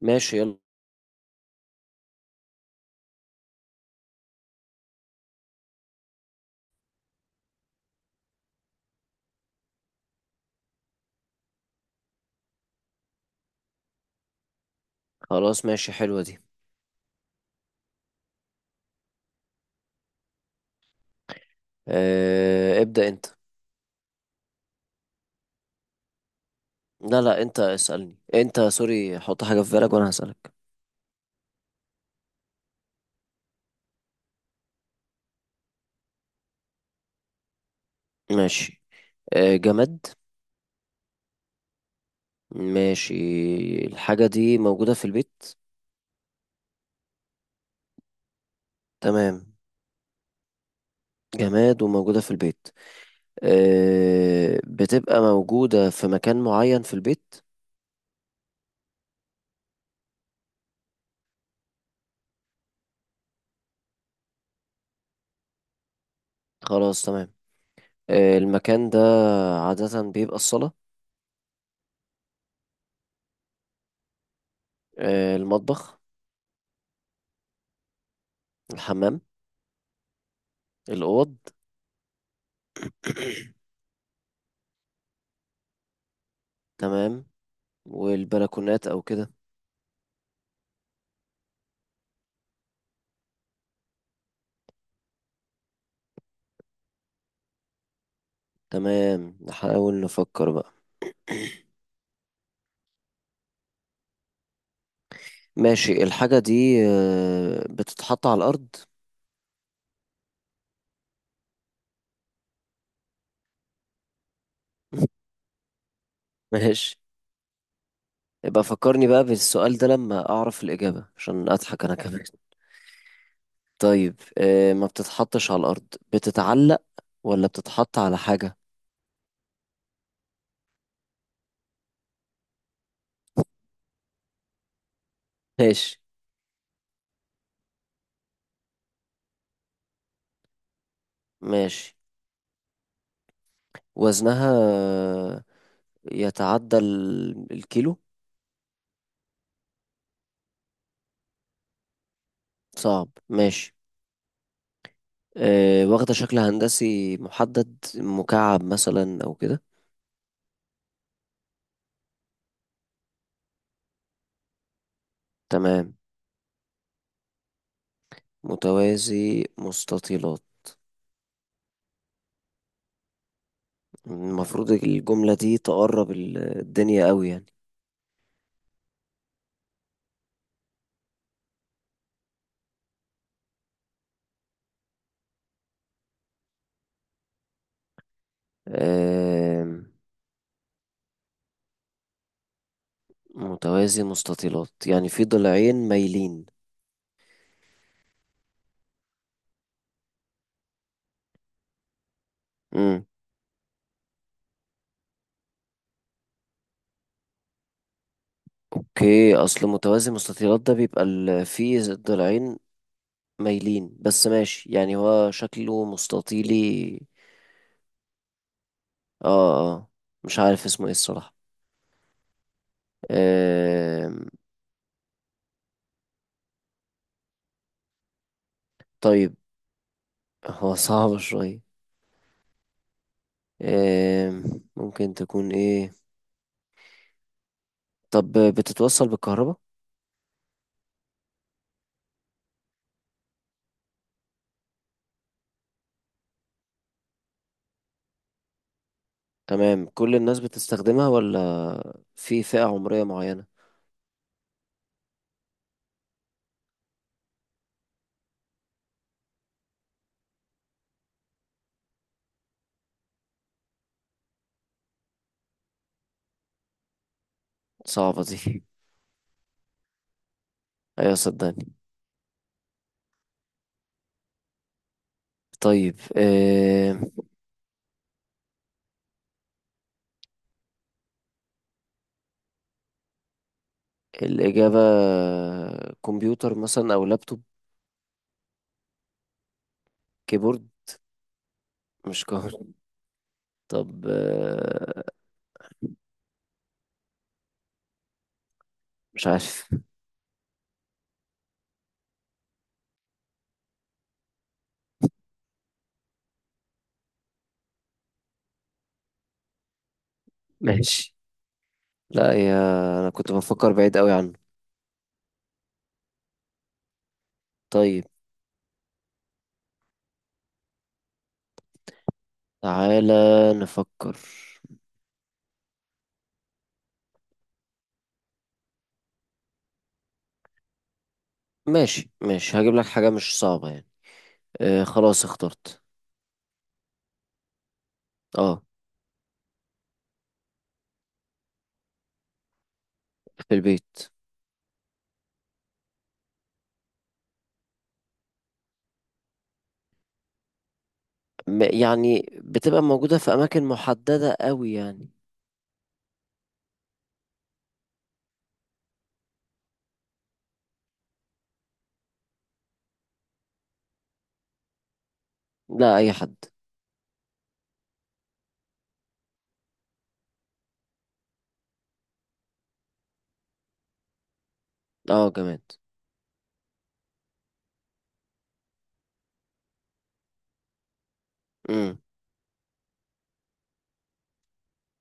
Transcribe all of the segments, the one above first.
ماشي، يلا. خلاص ماشي، حلوة دي. آه، ابدأ انت. لا، انت اسألني انت، سوري، حط حاجة في بالك وانا هسألك. ماشي. آه، جماد. ماشي. الحاجة دي موجودة في البيت. تمام، جماد وموجودة في البيت. آه، بتبقى موجودة في مكان معين في البيت. خلاص تمام. آه، المكان ده عادة بيبقى الصالة. آه، المطبخ. الحمام. الأوض. تمام، والبلكونات أو كده. تمام، نحاول نفكر بقى. ماشي، الحاجة دي بتتحط على الأرض. ماشي، يبقى فكرني بقى بالسؤال ده لما أعرف الإجابة عشان أضحك أنا كمان. طيب ما بتتحطش على الأرض، بتتعلق ولا بتتحط على حاجة؟ ماشي. ماشي، وزنها يتعدى الكيلو. صعب، ماشي. واخدة شكل هندسي محدد، مكعب مثلا أو كده؟ تمام، متوازي مستطيلات. المفروض الجملة دي تقرب الدنيا قوي يعني. آم، متوازي مستطيلات يعني في ضلعين مايلين. امم اوكي، اصل متوازي مستطيلات ده بيبقى في ضلعين مايلين، بس ماشي يعني هو شكله مستطيلي. اه، مش عارف اسمه ايه الصراحة. آم، طيب، هو صعب شوية. آم، ممكن تكون ايه؟ طب بتتوصل بالكهرباء؟ تمام. كل الناس بتستخدمها ولا في فئة عمرية معينة؟ صعبة دي. ايوه صدقني. طيب آه، الإجابة كمبيوتر مثلا أو لابتوب؟ كيبورد. مش قهر. طب آه، مش عارف. ماشي. لا يا، أنا كنت بفكر بعيد قوي عنه. طيب، تعالى نفكر. ماشي ماشي، هجيب لك حاجة مش صعبة يعني. آه خلاص، اخترت. اه. في البيت. م- يعني بتبقى موجودة في أماكن محددة قوي يعني. لا، اي حد. اه جماد. امم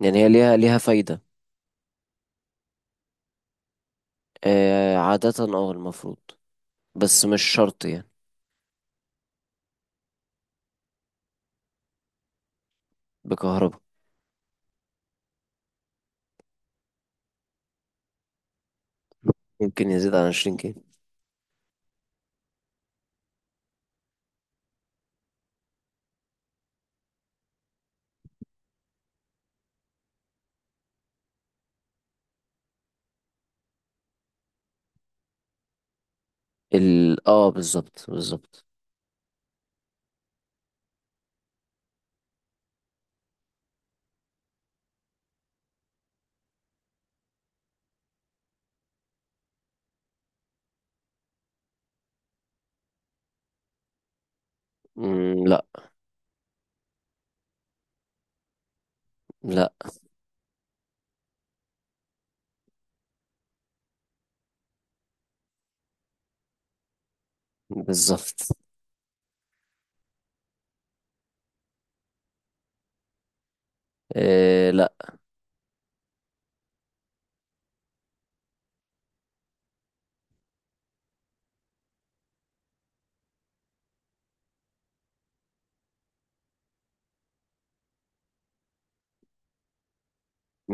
يعني هي ليها فايدة. آه عادة، اه المفروض، بس مش شرط يعني. بكهرباء. ممكن يزيد عن 20 كيلو. ال اه بالظبط بالظبط. لا. لا، بالظبط. آه لا.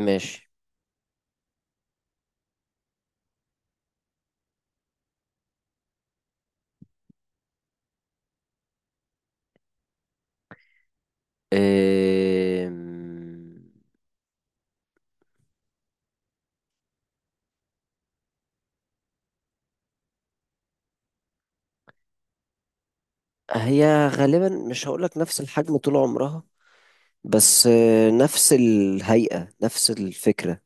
ماشي. آه، هي غالبا مش هقولك نفس الحجم طول عمرها، بس آه نفس الهيئة نفس الفكرة.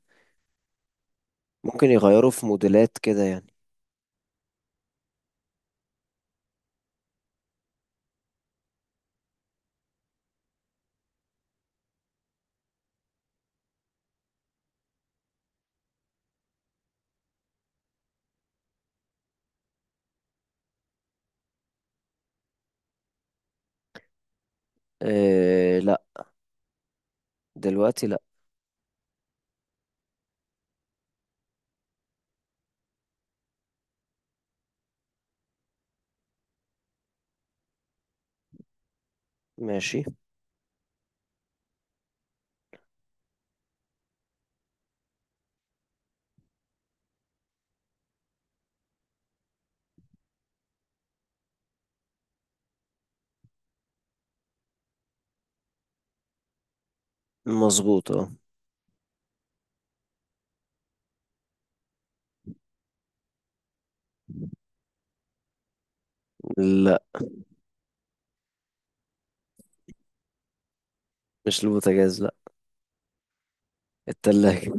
ممكن يغيروا في موديلات كده يعني. آه لا دلوقتي. ماشي. مظبوط اه. لا مش البوتاجاز، لا. التلاجة.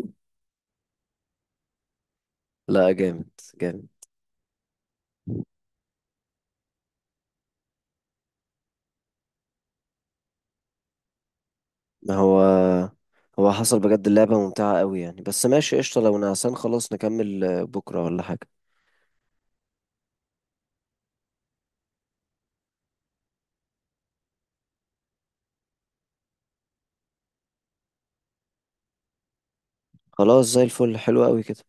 لا جامد، جامد. ما هو هو حصل بجد، اللعبة ممتعة قوي يعني، بس ماشي قشطة، لو نعسان خلاص نكمل بكرة ولا حاجة. خلاص، زي الفل، حلو قوي كده.